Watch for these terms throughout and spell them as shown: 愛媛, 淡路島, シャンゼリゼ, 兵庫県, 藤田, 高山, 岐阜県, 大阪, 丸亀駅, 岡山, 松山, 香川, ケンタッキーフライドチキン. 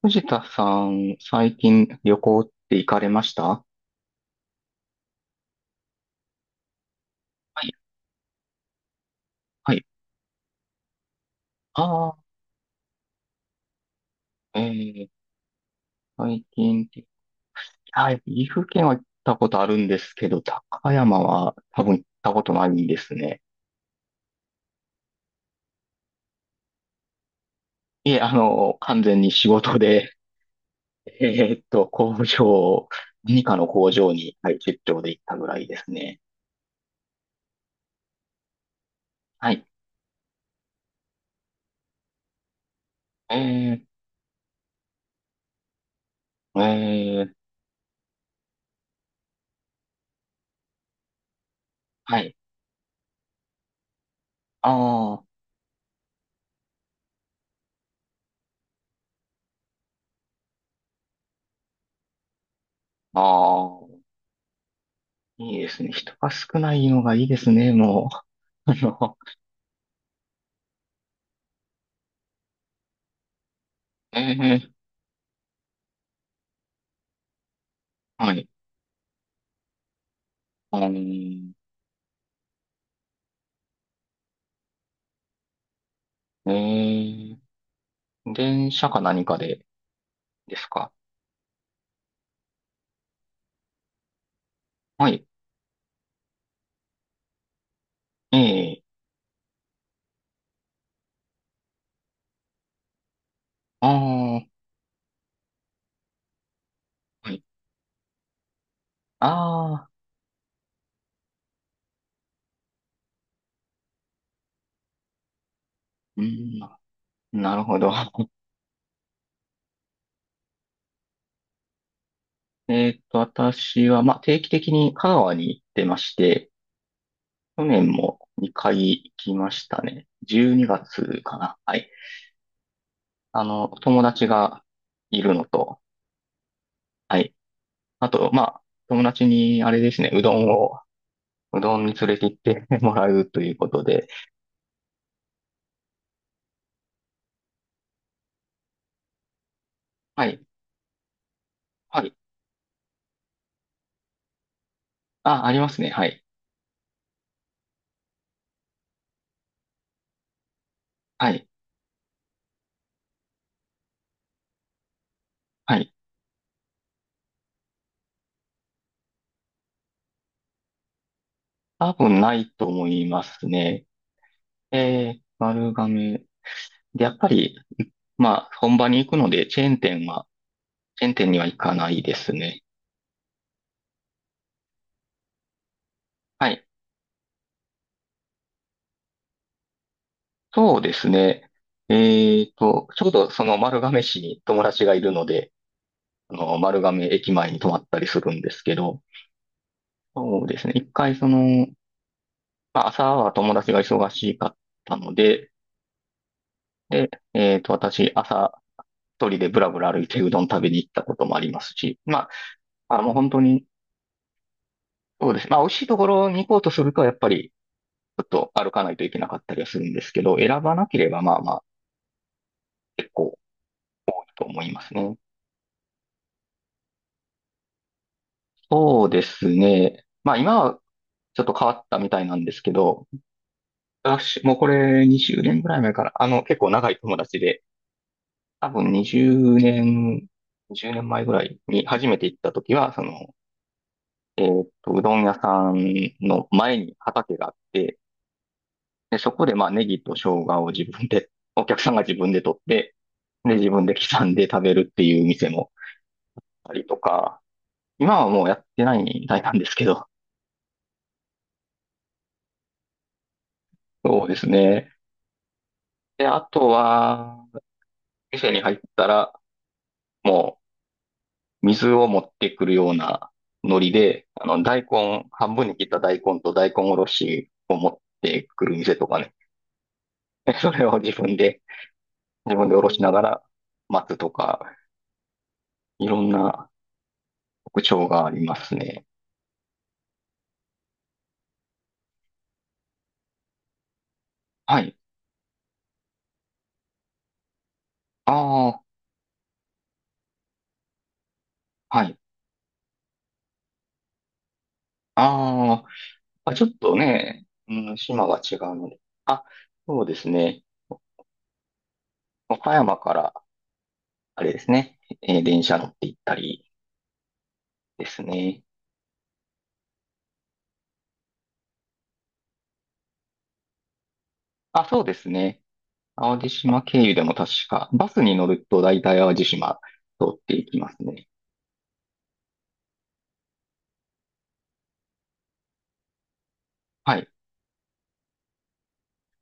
藤田さん、最近旅行って行かれました？はい、はい。ああ、ー、最近って、はい、岐阜県は行ったことあるんですけど、高山は多分行ったことないんですね。いえ、あの、完全に仕事で、えーっと、工場、何かの工場に、はい、出張で行ったぐらいですね。はい。えー、えー、はい。ああ、ああ、いいですね。人が少ないのがいいですね、もう。あの、ええ、はい。あー、えー、電車か何かでですか？はい。ええ、ああ、はい。ああ、うん、なるほど。私は、まあ、定期的に香川に行ってまして、去年も2回きましたね。12月かな。はい。あの、友達がいるのと、はい。あと、まあ、友達に、あれですね、うどんに連れて行ってもらうということで、はい。はい。あ、ありますね。はい。はい。はい。多分ないと思いますね。丸亀。で、やっぱり、まあ、本場に行くので、チェーン店には行かないですね。はい。そうですね。ちょうどその丸亀市に友達がいるので、あの、丸亀駅前に泊まったりするんですけど、そうですね。一回その、まあ、朝は友達が忙しかったので、で、私、朝、一人でブラブラ歩いてうどん食べに行ったこともありますし、まあ、あの、本当に、そうです。まあ、美味しいところに行こうとすると、やっぱり、ちょっと歩かないといけなかったりはするんですけど、選ばなければ、まあまあ、結構、と思いますね。そうですね。まあ、今は、ちょっと変わったみたいなんですけど、私、もうこれ20年ぐらい前から、あの、結構長い友達で、多分20年、10年前ぐらいに初めて行った時は、その、うどん屋さんの前に畑があって、で、そこでまあネギと生姜を自分で、お客さんが自分で取って、で、自分で刻んで食べるっていう店もあったりとか、今はもうやってないみたいなんですけど、そうですね。で、あとは、店に入ったら、もう水を持ってくるようなノリで、あの、大根、半分に切った大根と大根おろしを持ってくる店とかね。でそれを自分で、自分でおろしながら待つとか、いろんな特徴がありますね。はい。ああ、はい。あー、まあ、ちょっとね、うん、島が違うので。あ、そうですね。岡山から、あれですね、電車乗って行ったりですね。あ、そうですね。淡路島経由でも確か、バスに乗ると大体淡路島通っていきますね。はい。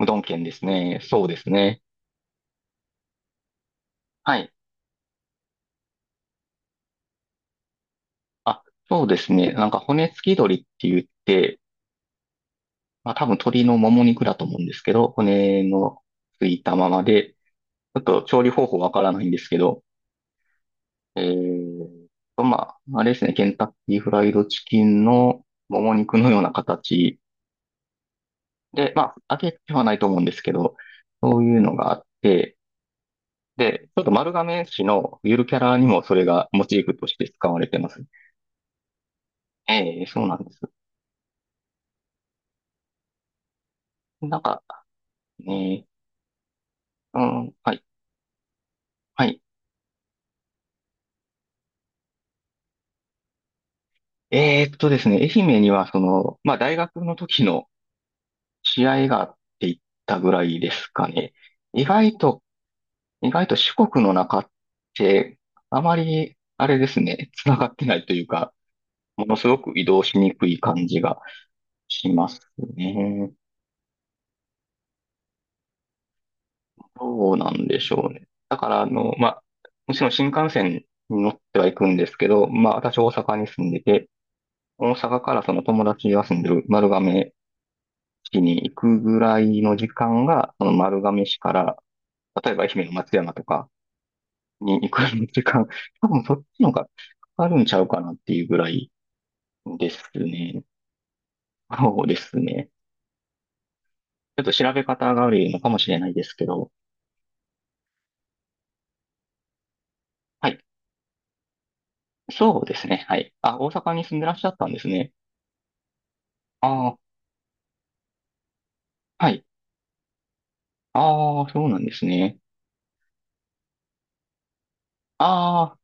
うどん県ですね。そうですね。はい。あ、そうですね。なんか骨付き鶏って言って、まあ多分鶏のもも肉だと思うんですけど、骨のついたままで、ちょっと調理方法わからないんですけど、えーまあ、あれですね、ケンタッキーフライドチキンのもも肉のような形で、まあ、揚げてはないと思うんですけど、そういうのがあって、で、ちょっと丸亀市のゆるキャラにもそれがモチーフとして使われてます。ええ、そうなんです。なんか、ね、うん、はい、はい。ですね、愛媛にはその、まあ、大学の時の試合があって行ったぐらいですかね。意外と意外と四国の中って、あまり、あれですね、繋がってないというか、ものすごく移動しにくい感じがしますね。どうなんでしょうね。だから、あの、まあ、もちろん新幹線に乗ってはいくんですけど、まあ、私大阪に住んでて、大阪からその友達が住んでる丸亀市に行くぐらいの時間が、その丸亀市から、例えば愛媛の松山とかに行く時間、多分そっちの方がかかるんちゃうかなっていうぐらい、ですね。そうですね。ちょっと調べ方が悪いのかもしれないですけど。はい。そうですね。はい。あ、大阪に住んでらっしゃったんですね。ああ、はい。ああ、そうなんですね。あ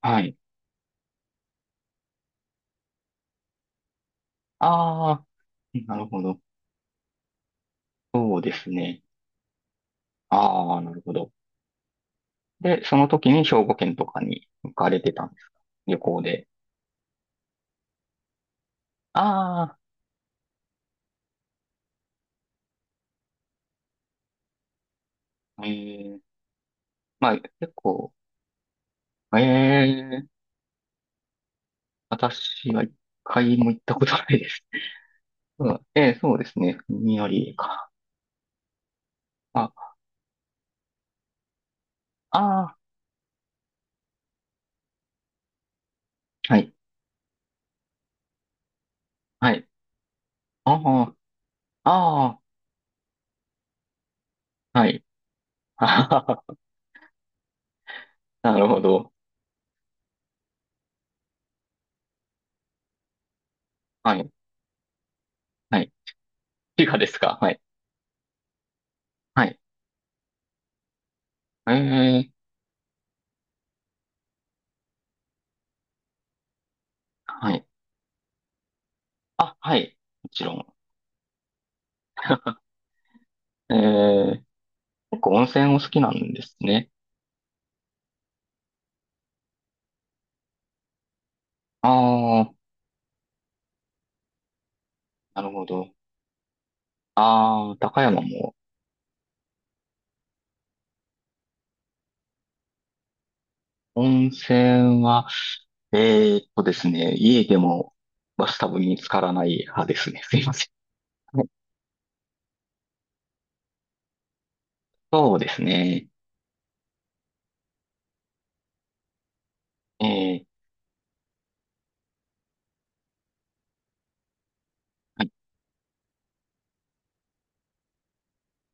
あ、はい。ああ、なるほど。そうですね。ああ、なるほど。で、その時に兵庫県とかに行かれてたんですか？旅行で。ああ、ええ、まあ、結構、ええ、私は一回も行ったことないです。うん、そうですね。によりか。あ、ああ、はい、はい。ああ、ああ、はい。あはは、なるほど。はい、はい。理科ですか？はい、はい。ええ、はい。あ、はい。もちろん。ええ、結構温泉お好きなんですね。ああ、なるほど。ああ、高山も。温泉は、ですね、家でもバスタブに浸からない派ですね。すいません。はい、そうですね。ええ、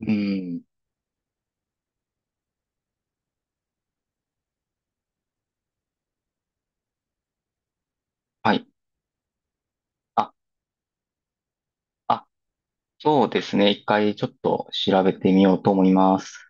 うーん。はい。あ、あ、そうですね。一回ちょっと調べてみようと思います。